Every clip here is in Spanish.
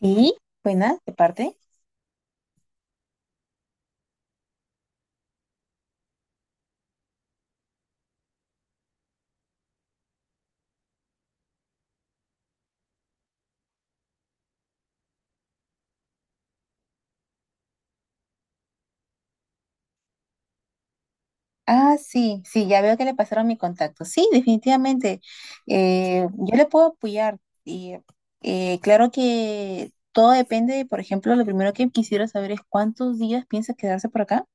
Sí, buena, de parte. Ah, sí, sí, ya veo que le pasaron mi contacto. Sí, definitivamente. Yo le puedo apoyar. Y claro que todo depende, por ejemplo, lo primero que quisiera saber es cuántos días piensa quedarse por acá.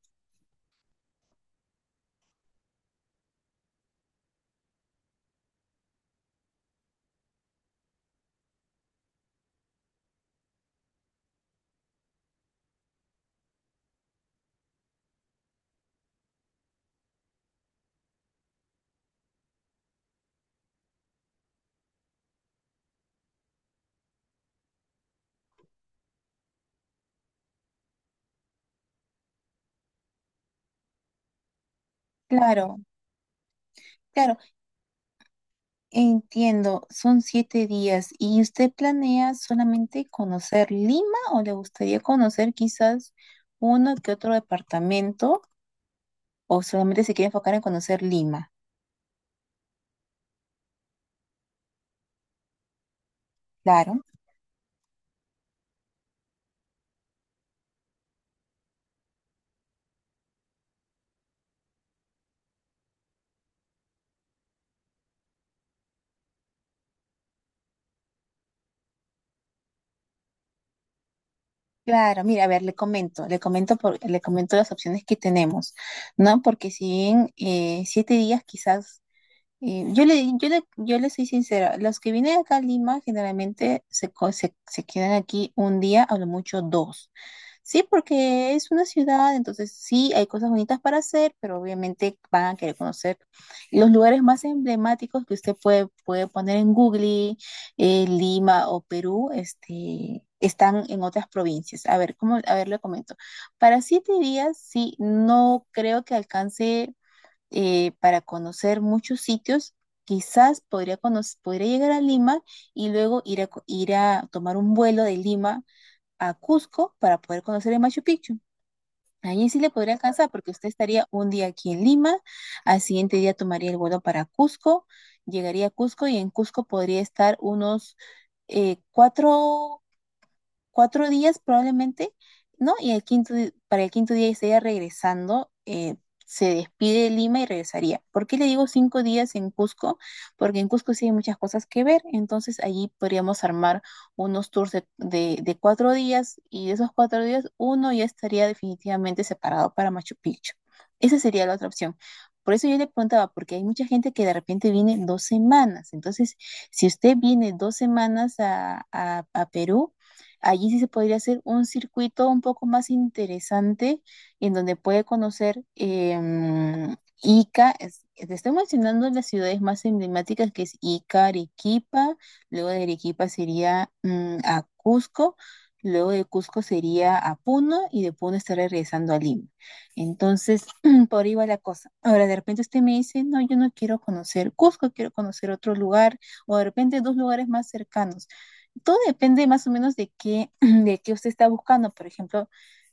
Claro, claro, entiendo. Son 7 días. ¿Y usted planea solamente conocer Lima o le gustaría conocer quizás uno que otro departamento o solamente se quiere enfocar en conocer Lima? Claro. Claro, mira, a ver, le comento las opciones que tenemos, ¿no? Porque si bien 7 días quizás y yo le soy sincera, los que vienen acá a Lima generalmente se quedan aquí un día, a lo mucho dos. Sí, porque es una ciudad, entonces sí, hay cosas bonitas para hacer, pero obviamente van a querer conocer los lugares más emblemáticos que usted puede poner en Google, Lima o Perú, este, están en otras provincias. A ver, ¿cómo? A ver, le comento. Para 7 días, sí, no creo que alcance para conocer muchos sitios. Quizás podría llegar a Lima y luego ir a tomar un vuelo de Lima a Cusco para poder conocer el Machu Picchu. Allí sí le podría alcanzar porque usted estaría un día aquí en Lima, al siguiente día tomaría el vuelo para Cusco, llegaría a Cusco y en Cusco podría estar unos eh, cuatro cuatro días probablemente, ¿no? Para el quinto día estaría regresando, se despide de Lima y regresaría. ¿Por qué le digo 5 días en Cusco? Porque en Cusco sí hay muchas cosas que ver, entonces allí podríamos armar unos tours de 4 días y de esos 4 días uno ya estaría definitivamente separado para Machu Picchu. Esa sería la otra opción. Por eso yo le preguntaba, porque hay mucha gente que de repente viene 2 semanas. Entonces, si usted viene 2 semanas a Perú, allí sí se podría hacer un circuito un poco más interesante en donde puede conocer Ica. Te estoy mencionando las ciudades más emblemáticas que es Ica, Arequipa, luego de Arequipa sería a Cusco, luego de Cusco sería a Puno y de Puno estaría regresando a Lima. Entonces, por ahí va la cosa. Ahora, de repente usted me dice, no, yo no quiero conocer Cusco, quiero conocer otro lugar, o de repente dos lugares más cercanos. Todo depende más o menos de qué, de qué usted está buscando. Por ejemplo,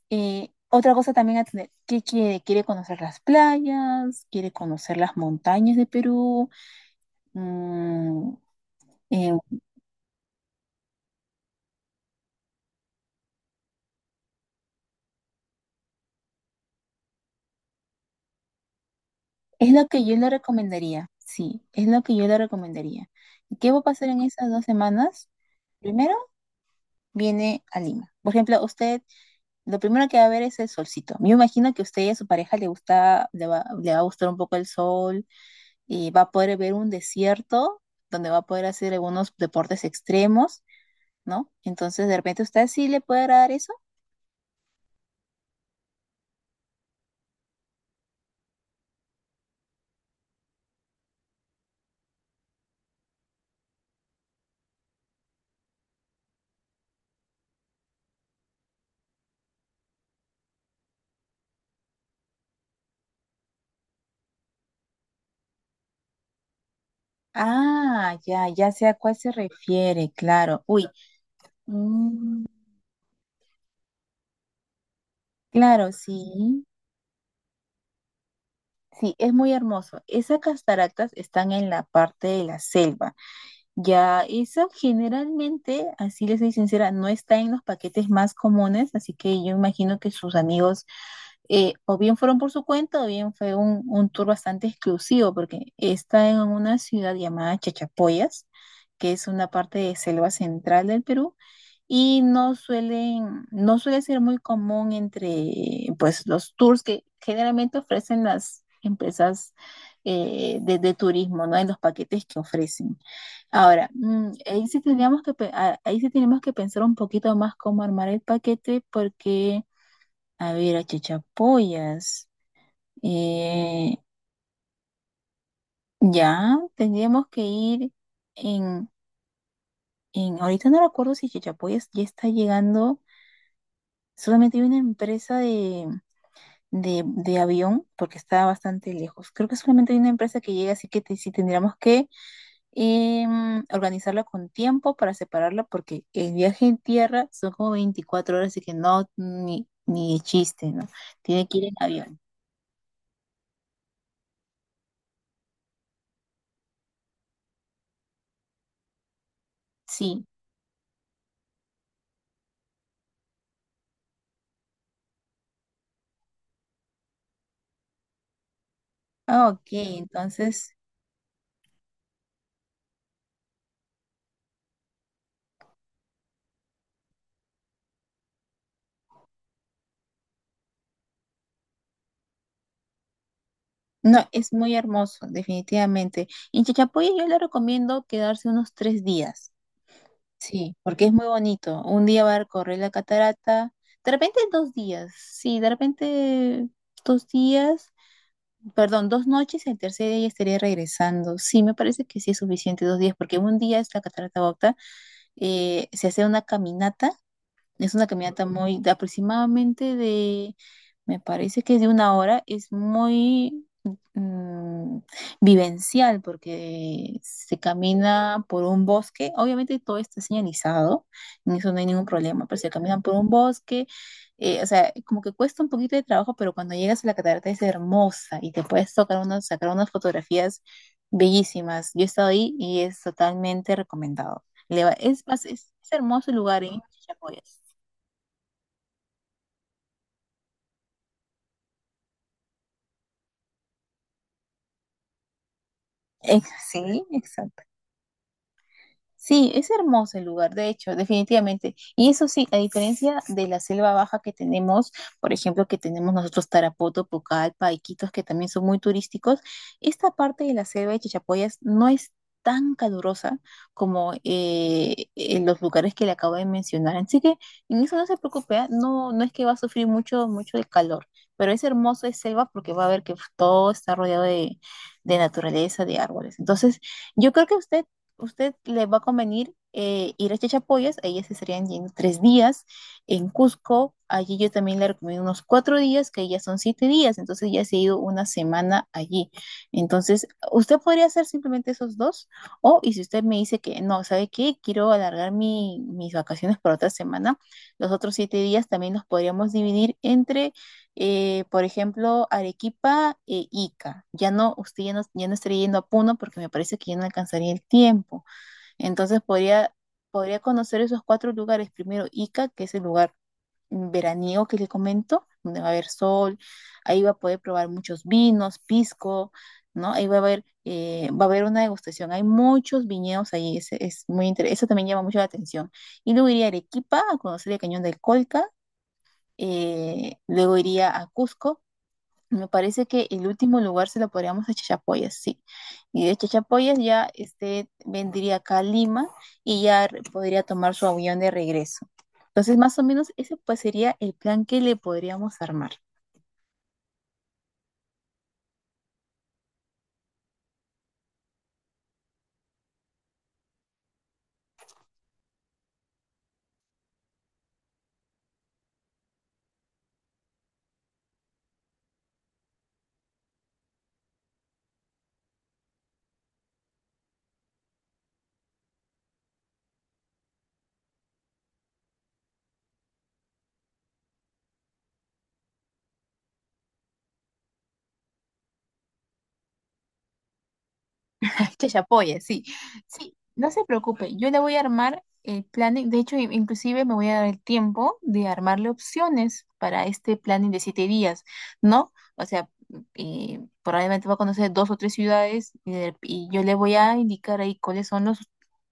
otra cosa también a tener. ¿Qué quiere? ¿Quiere conocer las playas? ¿Quiere conocer las montañas de Perú? Mm, eh, es lo que yo le recomendaría, sí, es lo que yo le recomendaría. ¿Y qué va a pasar en esas 2 semanas? Primero, viene a Lima. Por ejemplo, usted, lo primero que va a ver es el solcito. Yo imagino que a usted y a su pareja le va a gustar un poco el sol y va a poder ver un desierto donde va a poder hacer algunos deportes extremos, ¿no? Entonces, de repente, ¿usted sí le puede agradar eso? Ah, ya sé a cuál se refiere, claro. Uy, mm, claro, sí, sí, es muy hermoso. Esas cataratas están en la parte de la selva. Ya, eso generalmente, así les soy sincera, no está en los paquetes más comunes, así que yo imagino que sus amigos o bien fueron por su cuenta o bien fue un tour bastante exclusivo, porque está en una ciudad llamada Chachapoyas, que es una parte de selva central del Perú, y no suele ser muy común entre pues los tours que generalmente ofrecen las empresas de turismo, ¿no? En los paquetes que ofrecen. Ahora, ahí sí tenemos que pensar un poquito más cómo armar el paquete porque, a ver, a Chichapoyas eh, ya tendríamos que ir en, ahorita no recuerdo si Chichapoyas ya está llegando, solamente hay una empresa de de avión porque está bastante lejos. Creo que solamente hay una empresa que llega, así que sí tendríamos que organizarla con tiempo para separarla porque el viaje en tierra son como 24 horas, así que no, ni de chiste, ¿no? Tiene que ir en avión. Sí. Ah, OK, entonces, no, es muy hermoso, definitivamente. En Chachapoya yo le recomiendo quedarse unos 3 días. Sí, porque es muy bonito. Un día va a recorrer la catarata, de repente 2 días, sí, de repente dos días, perdón, 2 noches, el tercer día ya estaría regresando. Sí, me parece que sí es suficiente 2 días, porque un día es la catarata Bogta, se hace una caminata, es una caminata muy de aproximadamente de me parece que de 1 hora. Es muy mm, vivencial porque se camina por un bosque. Obviamente todo está señalizado, en eso no hay ningún problema, pero se caminan por un bosque. O sea, como que cuesta un poquito de trabajo, pero cuando llegas a la catarata es hermosa y te puedes sacar unas fotografías bellísimas. Yo he estado ahí y es totalmente recomendado. Le va- es, más, es hermoso el lugar en Chachapoyas. Eh, sí, sí, es hermoso el lugar, de hecho, definitivamente. Y eso sí, a diferencia de la selva baja que tenemos, por ejemplo, que tenemos nosotros Tarapoto, Pucallpa, Iquitos, que también son muy turísticos, esta parte de la selva de Chachapoyas no es tan calurosa como en los lugares que le acabo de mencionar. Así que en eso no se preocupe, ¿ah? No, no es que va a sufrir mucho, mucho de calor, pero es hermoso, es selva porque va a ver que todo está rodeado de naturaleza, de árboles. Entonces, yo creo que usted le va a convenir ir a Chachapoyas, ahí se estarían yendo 3 días. En Cusco, allí yo también le recomiendo unos 4 días, que ya son 7 días, entonces ya se ha ido una semana allí. Entonces, usted podría hacer simplemente esos dos, o si usted me dice que no, ¿sabe qué? Quiero alargar mis vacaciones por otra semana, los otros 7 días también los podríamos dividir entre, por ejemplo, Arequipa e Ica. Ya no, usted ya no estaría yendo a Puno porque me parece que ya no alcanzaría el tiempo. Entonces podría conocer esos 4 lugares. Primero Ica, que es el lugar veraniego que le comento, donde va a haber sol, ahí va a poder probar muchos vinos, pisco, ¿no? Ahí va a haber una degustación. Hay muchos viñedos ahí, es muy interesante, eso también llama mucho la atención. Y luego iría a Arequipa a conocer el Cañón del Colca, luego iría a Cusco. Me parece que el último lugar se lo podríamos a Chachapoyas, sí. Y de Chachapoyas ya este vendría acá a Lima y ya podría tomar su avión de regreso. Entonces, más o menos ese pues sería el plan que le podríamos armar. Que se apoye, sí. Sí, no se preocupe, yo le voy a armar el planning, de hecho, inclusive me voy a dar el tiempo de armarle opciones para este planning de 7 días, ¿no? O sea, probablemente va a conocer dos o tres ciudades y, y yo le voy a indicar ahí cuáles son los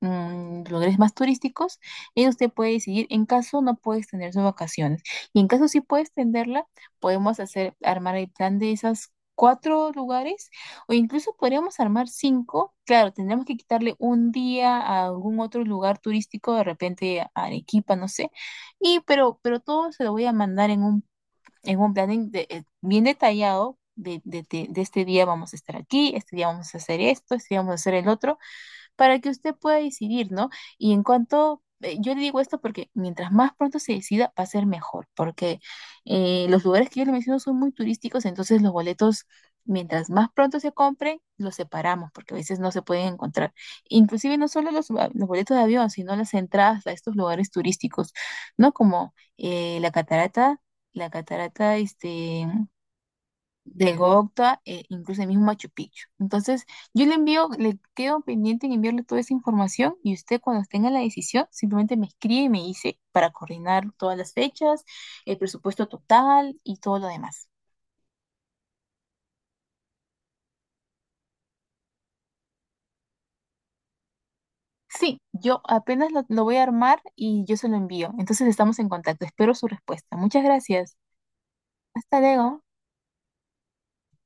lugares más turísticos y usted puede decidir, en caso no puede extender sus vacaciones y en caso sí puede extenderla, podemos hacer, armar el plan de esas 4 lugares o incluso podríamos armar cinco. Claro, tendríamos que quitarle un día a algún otro lugar turístico, de repente a Arequipa, no sé. Y pero todo se lo voy a mandar en un, planning bien detallado de este día vamos a estar aquí, este día vamos a hacer esto, este día vamos a hacer el otro para que usted pueda decidir, ¿no? Y en cuanto, yo le digo esto porque mientras más pronto se decida, va a ser mejor, porque los lugares que yo le menciono son muy turísticos, entonces los boletos, mientras más pronto se compren, los separamos, porque a veces no se pueden encontrar. Inclusive no solo los boletos de avión, sino las entradas a estos lugares turísticos, ¿no? Como la catarata este, de Gocta, e incluso el mismo Machu Picchu. Entonces, yo le envío, le quedo pendiente en enviarle toda esa información y usted cuando tenga la decisión simplemente me escribe y me dice para coordinar todas las fechas, el presupuesto total y todo lo demás. Sí, yo apenas lo voy a armar y yo se lo envío. Entonces estamos en contacto. Espero su respuesta. Muchas gracias. Hasta luego.